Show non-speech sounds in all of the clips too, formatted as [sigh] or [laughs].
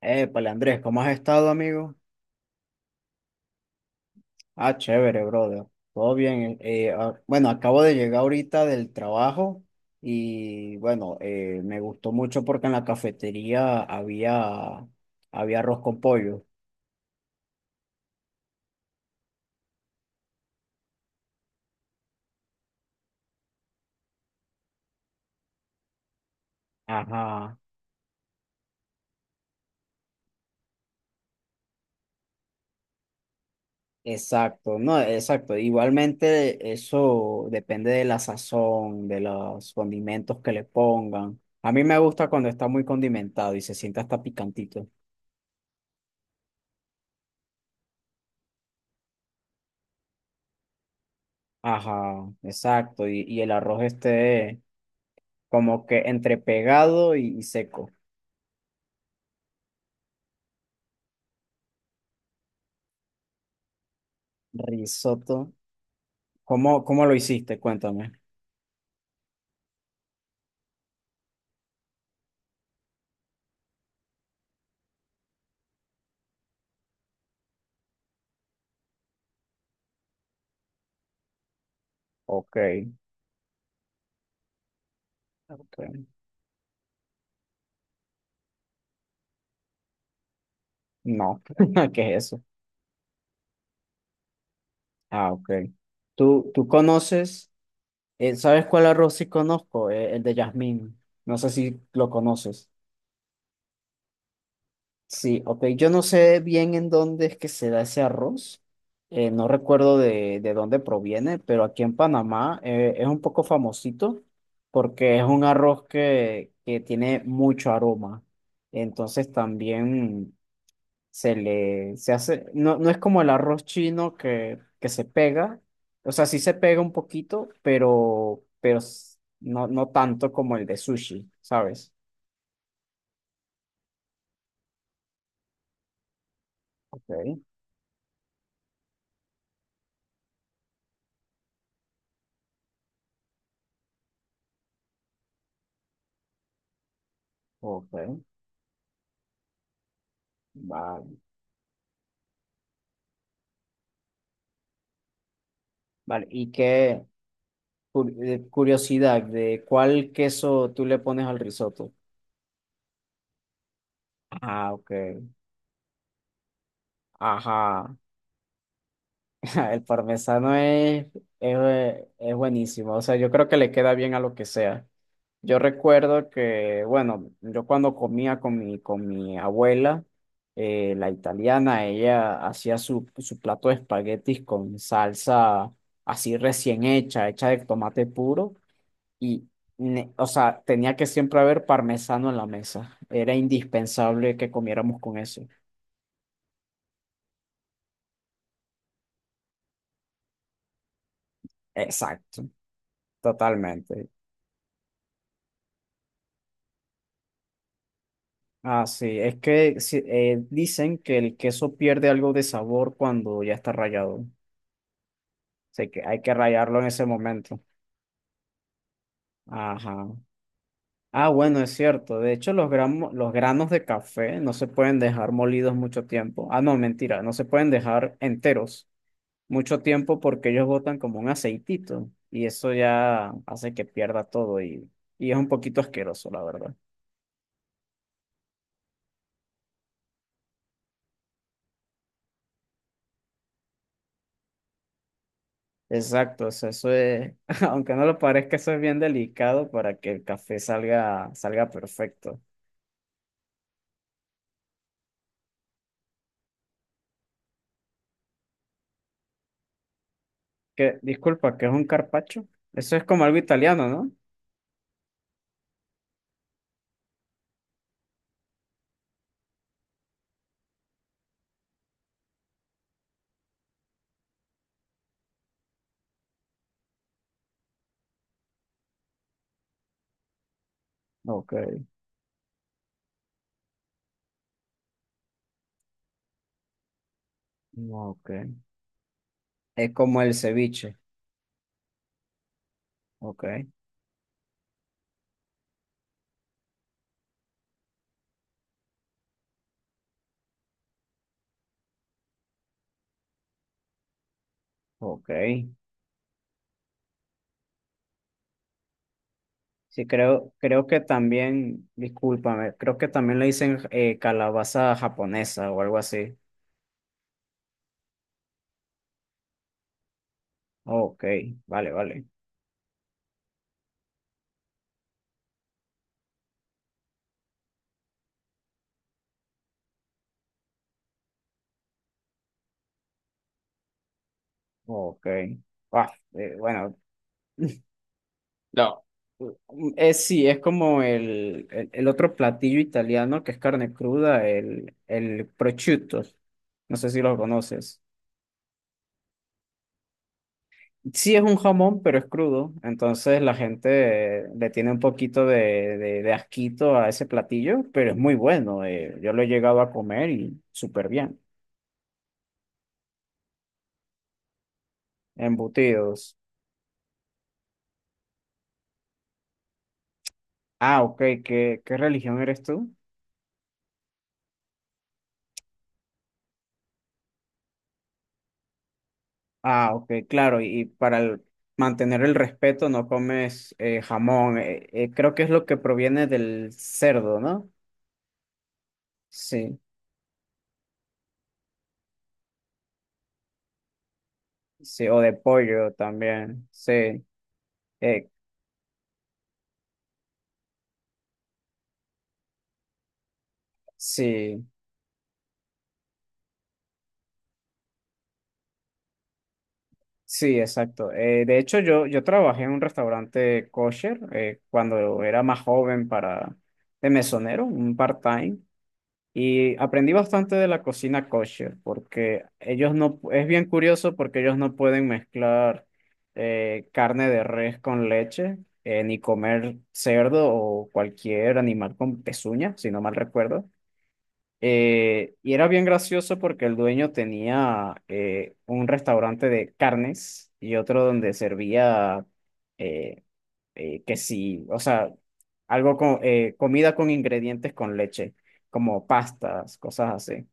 Épale, Andrés, ¿cómo has estado, amigo? Ah, chévere, brother. Todo bien. Bueno, acabo de llegar ahorita del trabajo y bueno, me gustó mucho porque en la cafetería había arroz con pollo. Ajá, exacto, no, exacto. Igualmente eso depende de la sazón, de los condimentos que le pongan. A mí me gusta cuando está muy condimentado y se siente hasta picantito. Ajá, exacto. Y el arroz este... Como que entre pegado y seco. Risotto. ¿Cómo lo hiciste? Cuéntame. Ok. Ok. No. [laughs] ¿Qué es eso? Ah, ok. ¿Tú conoces? ¿Sabes cuál arroz sí conozco? El de jazmín. No sé si lo conoces. Sí, ok. Yo no sé bien en dónde es que se da ese arroz. No recuerdo de dónde proviene, pero aquí en Panamá es un poco famosito porque es un arroz que tiene mucho aroma. Entonces también se hace, no, no es como el arroz chino que se pega. O sea, sí se pega un poquito, pero no, no tanto como el de sushi, ¿sabes? Ok, ok. Vale. Vale, ¿y qué? Curiosidad de cuál queso tú le pones al risotto. Ah, ok. Ajá. [laughs] El parmesano es buenísimo. O sea, yo creo que le queda bien a lo que sea. Yo recuerdo que, bueno, yo cuando comía con mi abuela, la italiana, ella hacía su plato de espaguetis con salsa así recién hecha de tomate puro. Y, ne- o sea, tenía que siempre haber parmesano en la mesa. Era indispensable que comiéramos con eso. Exacto, totalmente. Así, es que dicen que el queso pierde algo de sabor cuando ya está rallado. Así que hay que rallarlo en ese momento. Ajá. Ah, bueno, es cierto. De hecho, los granos de café no se pueden dejar molidos mucho tiempo. Ah, no, mentira, no se pueden dejar enteros mucho tiempo porque ellos botan como un aceitito y eso ya hace que pierda todo y es un poquito asqueroso, la verdad. Exacto, eso es, [laughs] aunque no lo parezca, eso es bien delicado para que el café salga perfecto. Que, disculpa, ¿qué es un carpaccio? Eso es como algo italiano, ¿no? Ok, ok. Es como el ceviche. Ok, ok. Sí, creo que también, discúlpame, creo que también le dicen calabaza japonesa o algo así. Ok, vale, vale. Ok. Bueno, [laughs] No, es sí, es como el otro platillo italiano que es carne cruda, el prosciutto. No sé si lo conoces. Sí es un jamón, pero es crudo, entonces la gente le tiene un poquito de asquito a ese platillo, pero es muy bueno. Yo lo he llegado a comer y súper bien. Embutidos. Ah, ok, ¿qué religión eres tú? Ah, ok, claro, y para el- mantener el respeto no comes jamón, creo que es lo que proviene del cerdo, ¿no? Sí, sí, o de pollo también, sí, eh, sí, sí, exacto. De hecho, yo trabajé en un restaurante kosher cuando era más joven para, de mesonero, un part-time. Y aprendí bastante de la cocina kosher, porque ellos no, es bien curioso porque ellos no pueden mezclar carne de res con leche, ni comer cerdo o cualquier animal con pezuña, si no mal recuerdo. Y era bien gracioso porque el dueño tenía un restaurante de carnes y otro donde servía eh, que sí, o sea, algo con comida con ingredientes con leche, como pastas, cosas así.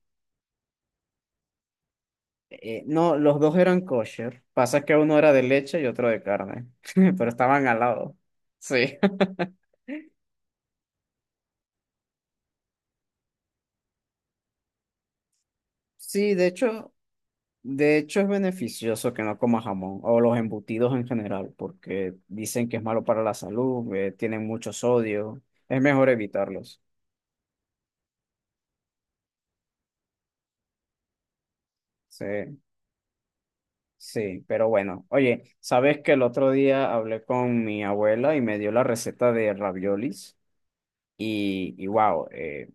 No, los dos eran kosher. Pasa que uno era de leche y otro de carne, [laughs] pero estaban al lado. Sí. [laughs] Sí, de hecho es beneficioso que no comas jamón o los embutidos en general, porque dicen que es malo para la salud, tienen mucho sodio, es mejor evitarlos. Sí. Sí, pero bueno, oye, ¿sabes que el otro día hablé con mi abuela y me dio la receta de raviolis? Y wow, eh,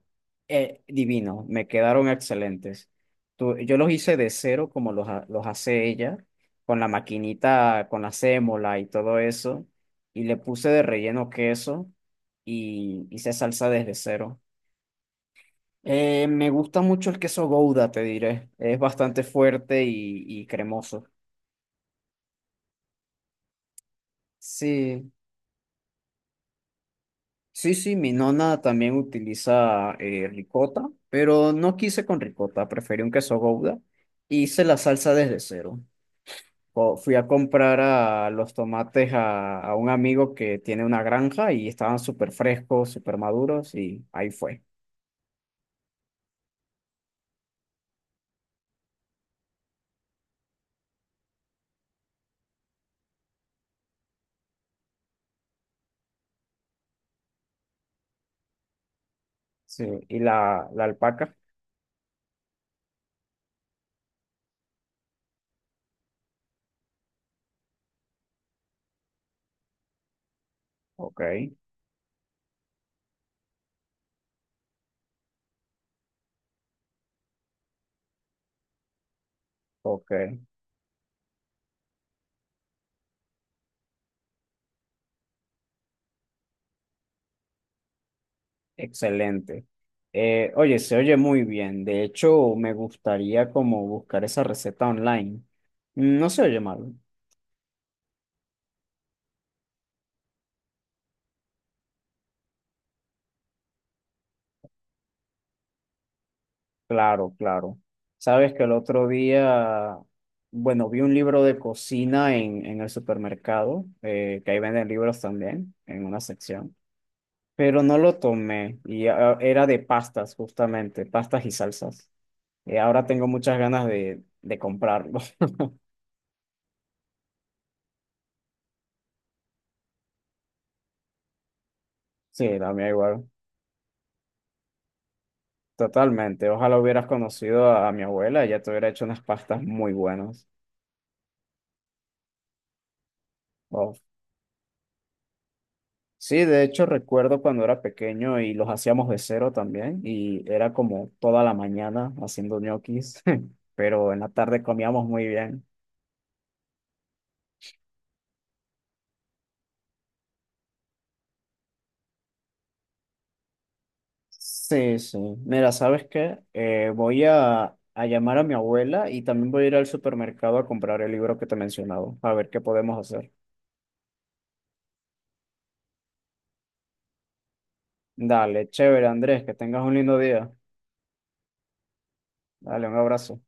eh, divino, me quedaron excelentes. Tú- yo los hice de cero como los hace ella, con la maquinita, con la sémola y todo eso, y le puse de relleno queso y hice salsa desde cero. Me gusta mucho el queso Gouda, te diré, es bastante fuerte y cremoso. Sí, sí, mi nona también utiliza ricota, pero no quise con ricota, preferí un queso gouda. Hice la salsa desde cero. Co- Fui a comprar a los tomates a un amigo que tiene una granja y estaban súper frescos, súper maduros y ahí fue. Sí, la alpaca. Ok, ok, excelente. Oye, se oye muy bien. De hecho, me gustaría como buscar esa receta online. No se oye mal. Claro, claro. Sabes que el otro día, bueno, vi un libro de cocina en el supermercado, que ahí venden libros también, en una sección, pero no lo tomé y ah, era de pastas, justamente, pastas y salsas. Y ahora tengo muchas ganas de comprarlo. [laughs] Sí, la mía igual, totalmente. Ojalá hubieras conocido a mi abuela, ella te hubiera hecho unas pastas muy buenas. Sí, de hecho recuerdo cuando era pequeño y los hacíamos de cero también y era como toda la mañana haciendo ñoquis, [laughs] pero en la tarde comíamos muy bien. Sí, sí. Mira, ¿sabes qué? Voy a llamar a mi abuela y también voy a ir al supermercado a comprar el libro que te he mencionado a ver qué podemos hacer. Dale, chévere, Andrés, que tengas un lindo día. Dale, un abrazo.